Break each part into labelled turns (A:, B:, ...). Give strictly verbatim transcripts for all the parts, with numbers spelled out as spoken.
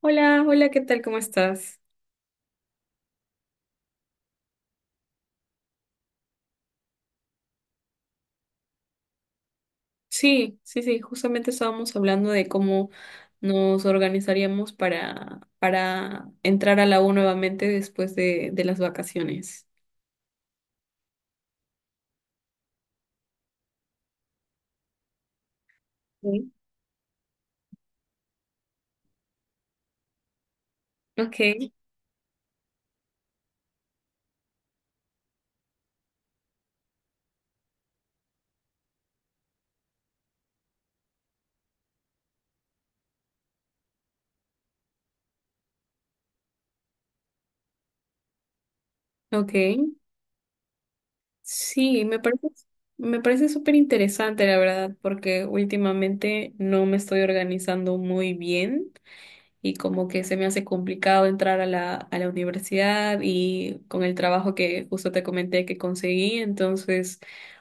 A: Hola, hola, ¿qué tal? ¿Cómo estás? Sí, sí, sí, justamente estábamos hablando de cómo nos organizaríamos para, para entrar a la U nuevamente después de, de las vacaciones. Sí. Ok, ok. Sí, me parece, Me parece súper interesante, la verdad, porque últimamente no me estoy organizando muy bien. Y como que se me hace complicado entrar a la, a la universidad, y con el trabajo que justo te comenté que conseguí. Entonces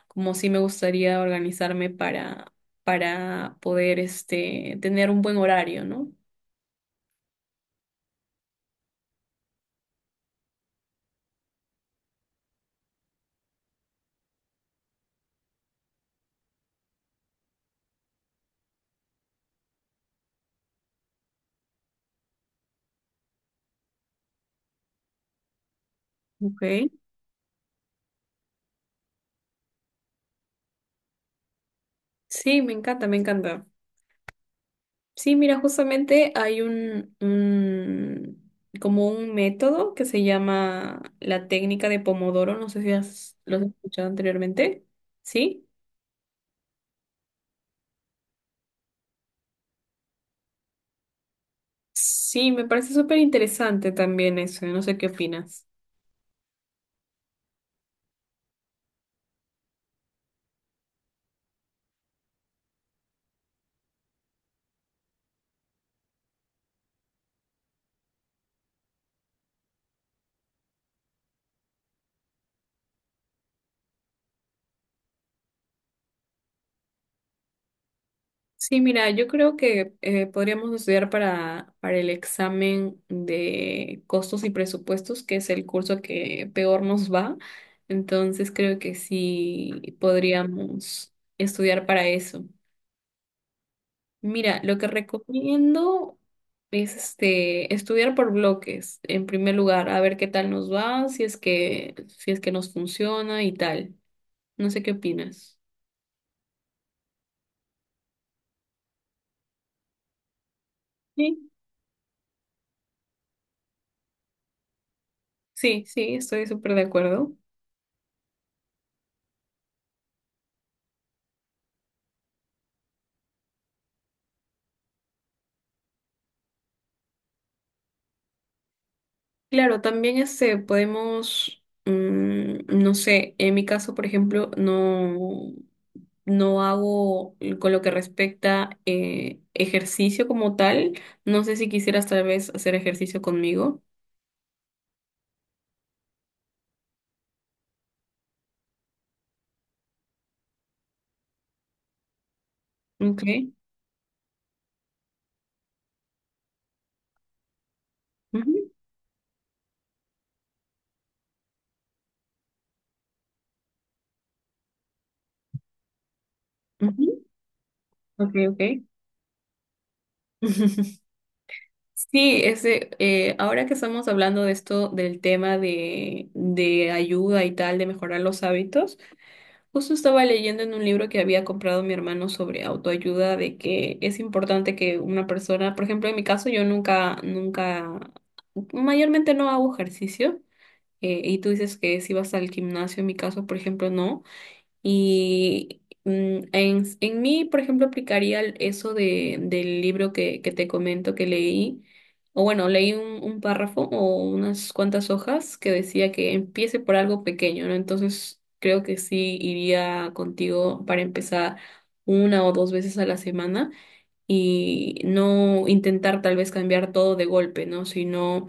A: como sí me gustaría organizarme para, para poder este, tener un buen horario, ¿no? Okay. Sí, me encanta, me encanta. Sí, mira, justamente hay un, un como un método que se llama la técnica de Pomodoro. No sé si has, lo has escuchado anteriormente, ¿sí? Sí, me parece súper interesante también eso, no sé qué opinas. Sí, mira, yo creo que eh, podríamos estudiar para, para el examen de costos y presupuestos, que es el curso que peor nos va. Entonces creo que sí podríamos estudiar para eso. Mira, lo que recomiendo es este estudiar por bloques, en primer lugar, a ver qué tal nos va, si es que, si es que nos funciona y tal. No sé qué opinas. Sí, sí, estoy súper de acuerdo. Claro, también este, podemos, mm, no sé, en mi caso, por ejemplo, no, no hago con lo que respecta eh, ejercicio como tal. No sé si quisieras tal vez hacer ejercicio conmigo. Ok. Ujú, ujú. Ok, ok. Sí, ese, eh, ahora que estamos hablando de esto, del tema de, de ayuda y tal, de mejorar los hábitos. Justo estaba leyendo en un libro que había comprado mi hermano sobre autoayuda, de que es importante que una persona, por ejemplo, en mi caso, yo nunca, nunca, mayormente no hago ejercicio, eh, y tú dices que si vas al gimnasio, en mi caso, por ejemplo, no. Y mm, en, en mí, por ejemplo, aplicaría el- eso de, del libro que, que te comento que leí, o bueno, leí un, un párrafo o unas cuantas hojas que decía que empiece por algo pequeño, ¿no? Entonces, creo que sí iría contigo para empezar una o dos veces a la semana, y no intentar tal vez cambiar todo de golpe, ¿no? Sino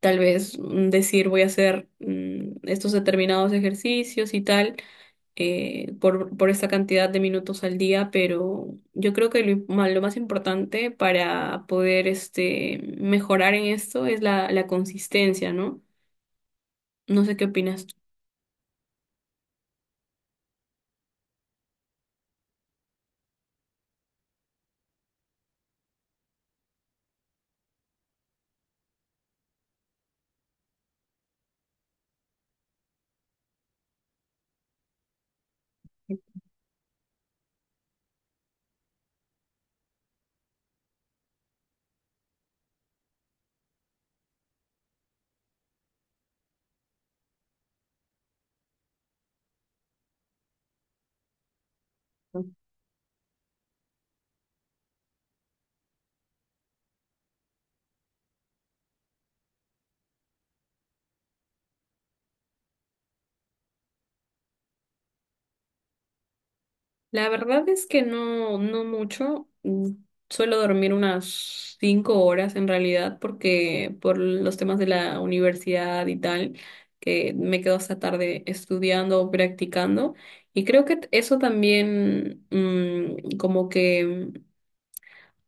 A: tal vez mm, decir voy a hacer mm, estos determinados ejercicios y tal, eh, por, por esa cantidad de minutos al día. Pero yo creo que lo, im- ma- lo más importante para poder este, mejorar en esto es la, la consistencia, ¿no? No sé qué opinas tú. La verdad es que no, no mucho. Mm, suelo dormir unas cinco horas en realidad, porque por los temas de la universidad y tal, que me quedo hasta tarde estudiando o practicando. Y creo que t- eso también mm, como que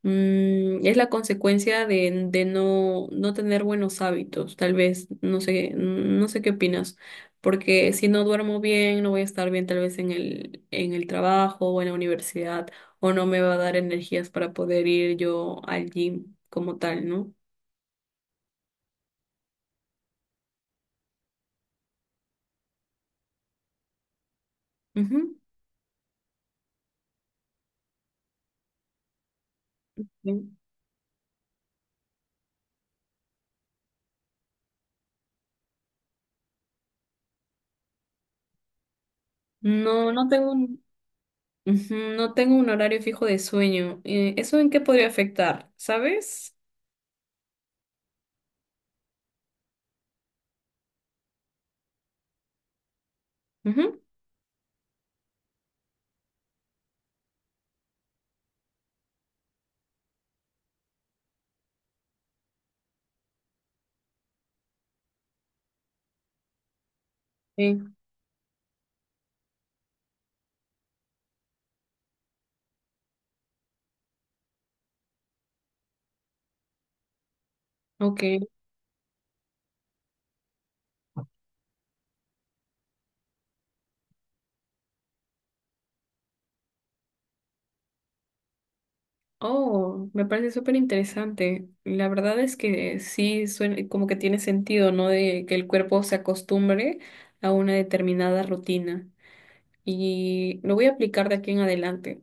A: Mm, es la consecuencia de, de no, no tener buenos hábitos, tal vez, no sé, no sé qué opinas, porque si no duermo bien, no voy a estar bien tal vez en el, en el trabajo o en la universidad, o no me va a dar energías para poder ir yo al gym como tal, no. Ujú. Mm. No, no tengo un, ujú, no tengo un horario fijo de sueño. Eh, ¿eso en qué podría afectar? ¿Sabes? Ujú. Sí, ok. Oh, me parece súper interesante. La verdad es que sí suena como que tiene sentido, ¿no? De que el cuerpo se acostumbre a una determinada rutina. Y lo voy a aplicar de aquí en adelante.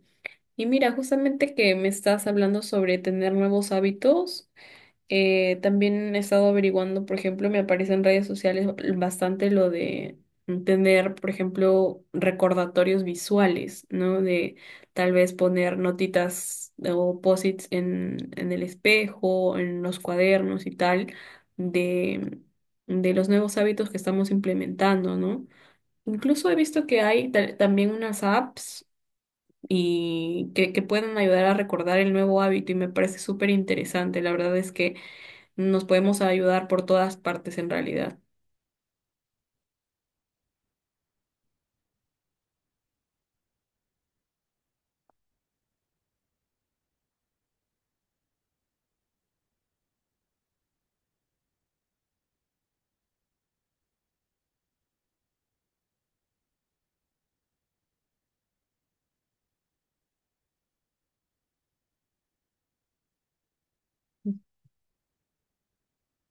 A: Y mira, justamente que me estás hablando sobre tener nuevos hábitos. Eh, también he estado averiguando, por ejemplo, me aparece en redes sociales bastante lo de tener, por ejemplo, recordatorios visuales, ¿no? De tal vez poner notitas o posits en, en el espejo, en los cuadernos y tal, de, de los nuevos hábitos que estamos implementando, ¿no? Incluso he visto que hay ta- también unas apps y que, que pueden ayudar a recordar el nuevo hábito, y me parece súper interesante. La verdad es que nos podemos ayudar por todas partes en realidad.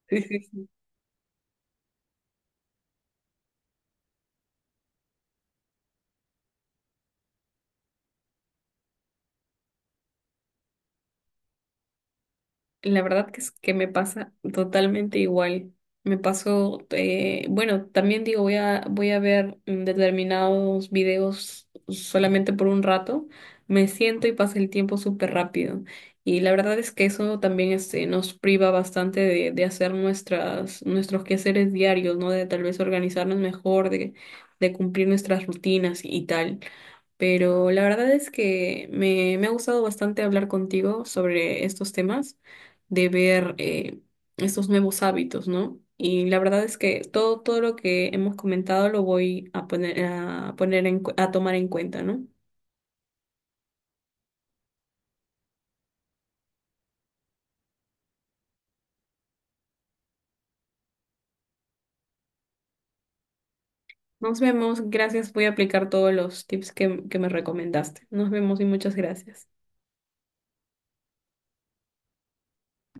A: Sí, sí, sí. La verdad que es que me pasa totalmente igual. Me paso eh, bueno, también digo, voy a, voy a ver mm, determinados videos solamente por un rato. Me siento y pasa el tiempo súper rápido. Y la verdad es que eso también este, nos priva bastante de, de hacer nuestras, nuestros quehaceres diarios, ¿no? De tal vez organizarnos mejor, de, de cumplir nuestras rutinas y tal. Pero la verdad es que me, me ha gustado bastante hablar contigo sobre estos temas, de ver eh, estos nuevos hábitos, ¿no? Y la verdad es que todo, todo lo que hemos comentado lo voy a poner, a poner en, cu- a tomar en cuenta, ¿no? Nos vemos, gracias, voy a aplicar todos los tips que, que me recomendaste. Nos vemos y muchas gracias.